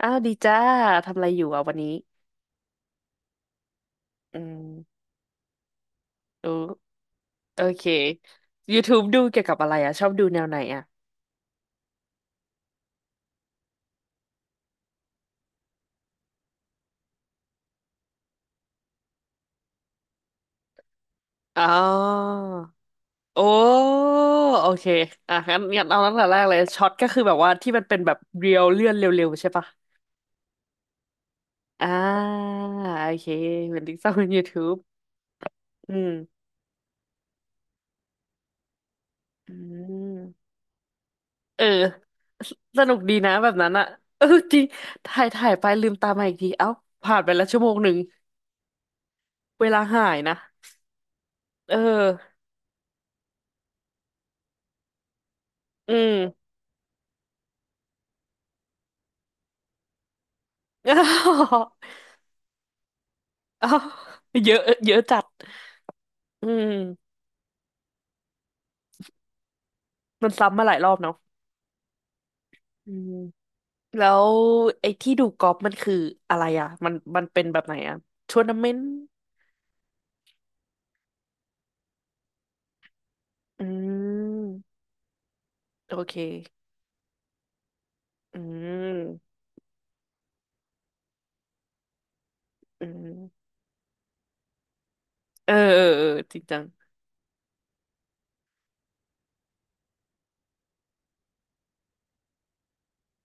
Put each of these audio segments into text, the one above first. อ้าวดีจ้าทำอะไรอยู่อ่ะวันนี้อืมดูโอเค YouTube ดูเกี่ยวกับอะไรอ่ะชอบดูแนวไหนอ่ะอ๋อโอ้โอเคอ่ะงั้นเอาตั้งแต่แรกเลยช็อตก็คือแบบว่าที่มันเป็นแบบเรียวเลื่อนเร็วๆใช่ปะอ่าโอเคเป็นติ๊กต็อกเป็น YouTube อืมอืมเออสสนุกดีนะแบบนั้นอ่ะเออจริงถ่ายไปลืมตามาอีกทีเอ้าผ่านไปแล้วชั่วโมงหนึ่งเวลาหายนะเอออืม อ้าวอ้าวเยอะเยอะจัดอืมมันซ้ำมาหลายรอบเนาะอืมแล้วไอ้ที่ดูกอล์ฟมันคืออะไรอ่ะมันเป็นแบบไหนอ่ะทัวร์นาเมนต์อืมโอเคอืมอืมเออเออเออจริงจัง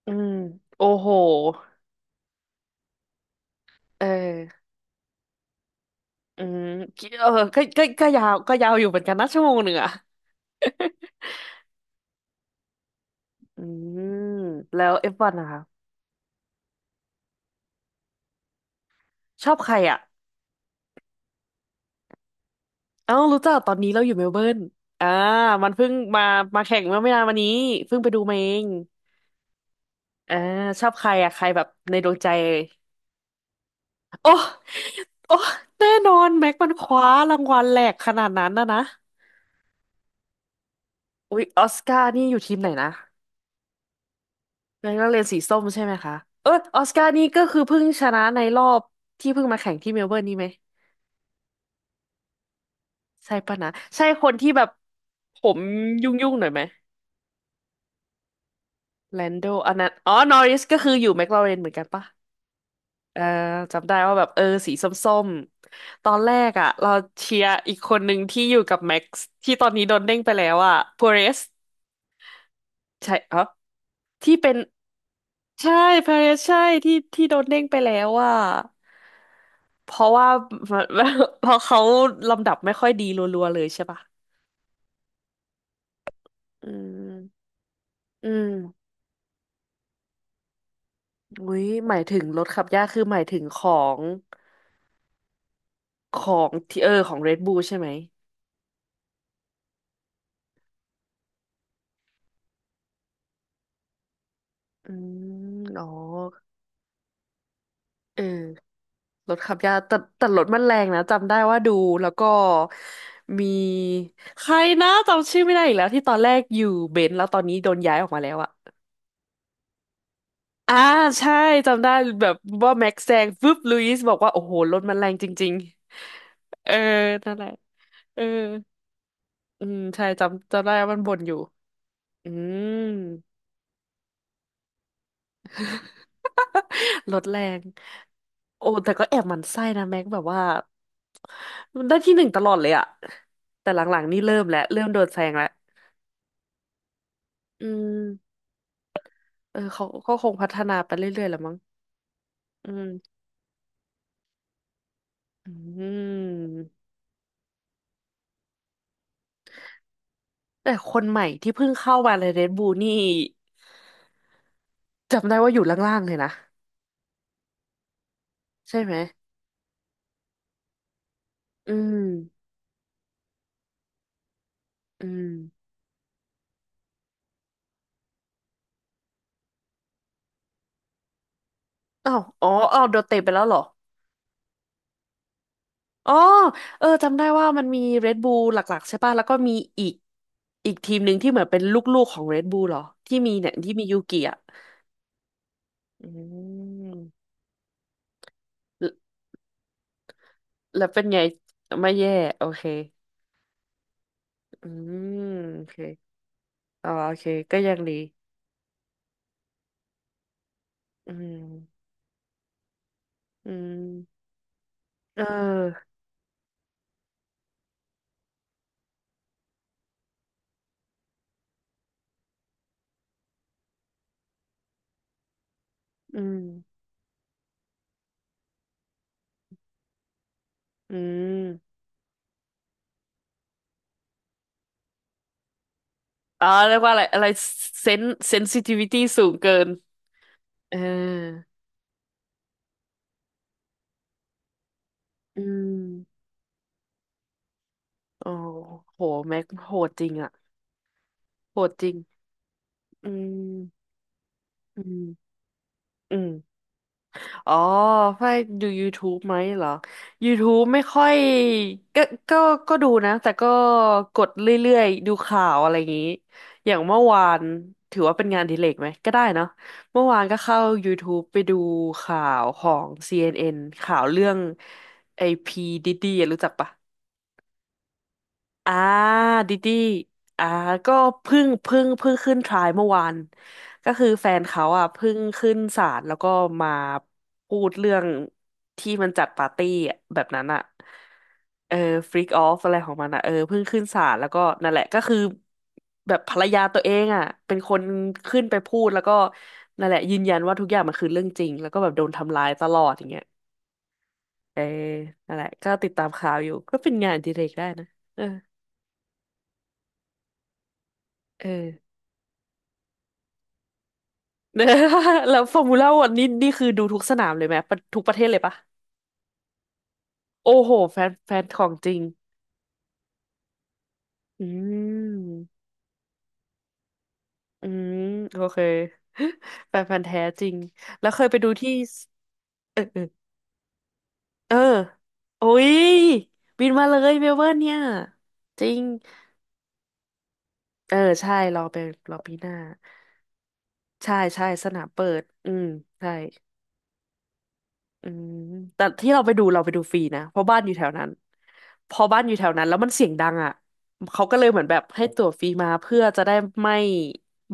อืมโอ้โหเอออืมเออก็ยาวอยู่เหมือนกันนะชั่วโมงหนึ่งอ่ะอืมแล้วเอฟวันนะคะชอบใครอ่ะ เอ้ารู้จักตอนนี้เราอยู่เมลเบิร์นอ่ามันเพิ่งมามาแข่งเมื่อไม่นานมานี้เพิ่งไปดูมาเองอ่าชอบใครอ่ะใครแบบในดวงใจเลยโอ้โอ้แน่นอนแม็กมันคว้ารางวัลแหลกขนาดนั้นนะนะอุ๊ยออสการ์นี่อยู่ทีมไหนนะแม็กนักเรียนสีส้มใช่ไหมคะเออออสการ์นี่ก็คือเพิ่งชนะในรอบที่เพิ่งมาแข่งที่เมลเบิร์นนี่ไหม ใช่ปะนะใช่คนที่แบบผมยุ่งๆหน่อยไหมแลนโดอันนั้นอ๋อนอริสก็คืออยู่แมคลาเรนเหมือนกันปะ เออจำได้ว่าแบบเออสีส้มๆตอนแรกอ่ะเราเชียร์อีกคนหนึ่งที่อยู่กับแม็กซ์ที่ตอนนี้โดนเด้งไปแล้วอ่ะพ r เรสใช่เออที่เป็นใช่พ r เรสใช่ที่โดนเด้งไปแล้วอ่ะเพราะว่า เพราะเขาลำดับไม่ค่อยดีรัวๆเลยใช่ปะอืมอืมอุ้ยหมายถึงรถขับยากคือหมายถึงงของที่เออของ Red Bull ใช่ไหมอืมอ๋อเออ รถขับยากแต่รถมันแรงนะจำได้ว่าดูแล้วก็มีใครนะจำชื่อไม่ได้อีกแล้วที่ตอนแรกอยู่เบนซ์แล้วตอนนี้โดนย้ายออกมาแล้วอะอ่าใช่จำได้แบบว่าแม็กซ์แซงฟึบลุยส์บอกว่าโอ้โหรถมันแรงจริงๆเออนั่นแหละเอออืมใช่จำได้ว่ามันบ่นอยู่อืม ลดแรงโอ้แต่ก็แอบหมั่นไส้นะแม็กแบบว่ามันได้ที่หนึ่งตลอดเลยอะแต่หลังๆนี่เริ่มแล้วเริ่มโดนแซงแล้วอืมเออเขาก็คงพัฒนาไปเรื่อยๆแหละมั้งอืมอืมแต่คนใหม่ที่เพิ่งเข้ามาในเรดบูนี่จำได้ว่าอยู่ล่างๆเลยนะใช่ไหมอืมอืมอ้าวอ๋ออ้าวโดนเตะไปแล้วเหรอ อ๋อเออจำได้ว่ามันมี Red Bull หลักๆใช่ป่ะแล้วก็มีอีกอีกทีมหนึ่งที่เหมือนเป็นลูกๆของ Red Bull เหรอที่มีเนี่ยที่มียูกิอ่ะอืมแลวแล้วเป็นไงไม่แย่โอเคอืมโอเคอ๋อโอเคก็ยังดีอืมอืมเอออืมอืมอ๋อเรียกว่าอะไรอะไรเซนเซนซิทิวิตี้สูงเกินเอออืมโอ้โหแม็กโหดจริงอะโหดจริงอืม อืมอืมอ๋อไฟดู YouTube ไหมเหรอ YouTube ไม่ค่อยก็ก็ก็ดูนะ แต่ก็กดเรื่อยๆดูข่าวอะไรอย่างนี้ อย่างเมื่อวานถือว่าเป็นงานอดิเรกไหม ก็ได้เนาะเมื่อวานก็เข้า YouTube ไปดูข่าวของ CNN ข่าวเรื่องไอพีดิดดี้รู้จักปะ อ่าดิดี้อ่าก็เพิ่งขึ้นทรายเมื่อวานก็คือแฟนเขาอ่ะเพิ่งขึ้นศาลแล้วก็มาพูดเรื่องที่มันจัดปาร์ตี้อะแบบนั้นอ่ะเออฟรีกออฟอะไรของมันอ่ะเออเพิ่งขึ้นศาลแล้วก็นั่นแหละก็คือแบบภรรยาตัวเองอ่ะเป็นคนขึ้นไปพูดแล้วก็นั่นแหละยืนยันว่าทุกอย่างมันคือเรื่องจริงแล้วก็แบบโดนทำร้ายตลอดอย่างเงี้ยเออนั่นแหละก็ติดตามข่าวอยู่ก็เป็นงานอดิเรกได้นะเออเออ เนอะ แล้วฟอร์มูล่าวันนี้นี่คือดูทุกสนามเลยไหมปะทุกประเทศเลยปะโอ้โหแฟนแฟนของจริงอืมอืมโอเค แฟนพันธุ์แท้จริงแล้วเคยไปดูที่สเออเออเออโอ้ยบินมาเลยเมลเบิร์นเนี่ยจริงเออใช่รอไปรอปีหน้าใช่ใช่สนามเปิดอืมใช่ อืมแต่ที่เราไปดูเราไปดูฟรีนะเพราะบ้านอยู่แถวนั้นพอบ้านอยู่แถวนั้นแล้วมันเสียงดังอ่ะเขาก็เลยเหมือนแบบให้ตั๋วฟรีมาเพื่อจะได้ไม่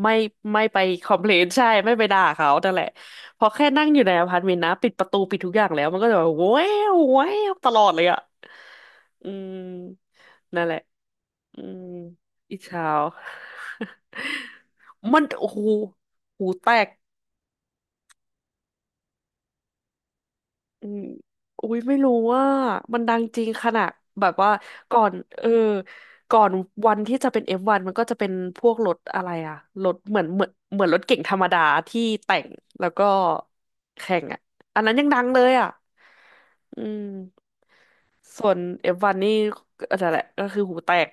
ไม่ไม่ไปคอมเพลน ใช่ไม่ไปด่าเขานั่นแหละพอแค่นั่งอยู่ในอพาร์ตเมนต์นะปิดประตูปิดทุกอย่างแล้วมันก็จะแบบแว้าวแว้าวตลอดเลยอ่ะอืมนั่นแหละอืมอีเช้า มันโอ้โหหูแตก อืมอุ้ยไม่รู้ว่ามันดังจริงขนาดแบบว่าก่อนเออก่อนวันที่จะเป็น F1 มันก็จะเป็นพวกรถอะไรอะรถเหมือนรถเก๋งธรรมดาที่แต่งแล้วก็แข่งอะอันนั้นยังดังเลยอะอืมส่วน F1 นนี่ก็นั่นแหละก็คือหูแตก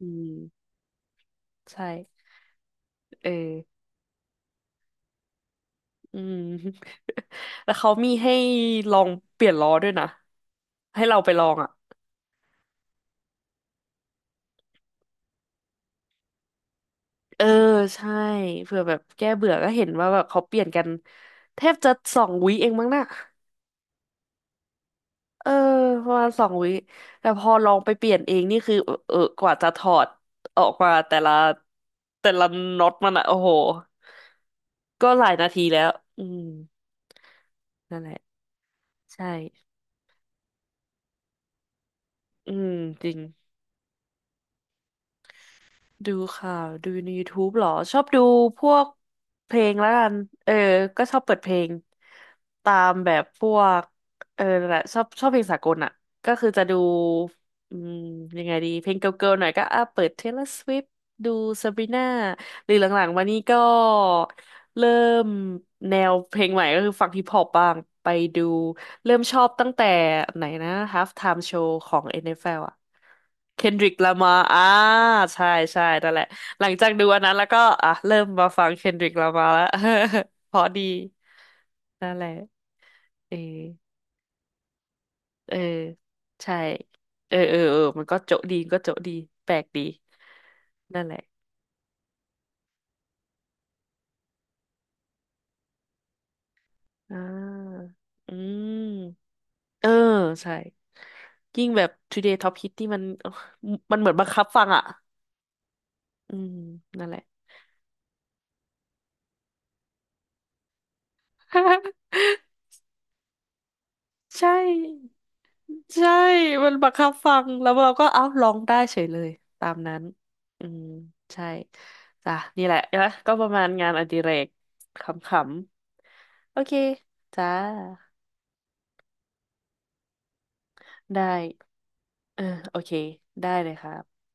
อืมใช่เอออืม แล้วเขามีให้ลองเปลี่ยนล้อด้วยนะให้เราไปลองอ่ะ เออใช่เผื่อแบบแก้เบื่อก็เห็นว่าแบบเขาเปลี่ยนกันแทบจะสองวิเองมั้งน่ะเออประมาณสองวิแต่พอลองไปเปลี่ยนเองนี่คือเออกว่าจะถอดออกมาแต่ละน็อตมันอะโอ้โหก็หลายนาทีแล้วอืมนั่นแหละใช่อืมจริง ดูข่าวดูใน YouTube เหรอชอบดูพวกเพลงแล้วกันเออก็ชอบเปิดเพลงตามแบบพวกเออนั่นแหละชอบชอบเพลงสากลอ่ะก็คือจะดูอืมยังไงดีเพลงเกิร์ลๆหน่อยก็อ่ะเปิด Taylor Swift ดู Sabrina หรือหลังๆมานี้ก็เริ่มแนวเพลงใหม่ก็คือฟังฮิปฮอปบ้างไปดู เริ่มชอบตั้งแต่ไหนนะ Half Time Show ของ NFL อนเอฟแอลอ่ะ Kendrick Lamar อ่าใช่ใช่นั่นแหละหลังจากดูอันนั้นแล้วก็อ่ะเริ่มมาฟัง Kendrick Lamar แล้ว เพราะดีนั่นแหละเออเออใช่เออเออเออมันก็โจ๊ะดีก็โจ๊ะดีแปลกดีนั่นแหละอ่าอืมเออใช่ยิ่งแบบ Today Top Hit ที่มันมันเหมือนบังคับฟังอ่ะอืมนั่นแหละ ใช่ใช่ มันบังคับฟังแล้วเราก็เอ้าร้องได้เฉยเลยตามนั้นอืมใช่จ้ะนี่แหละนะก็ประมาณงานอดิเรกขำๆโอเคจ้าได้เออโอเคได้เลยค่ะ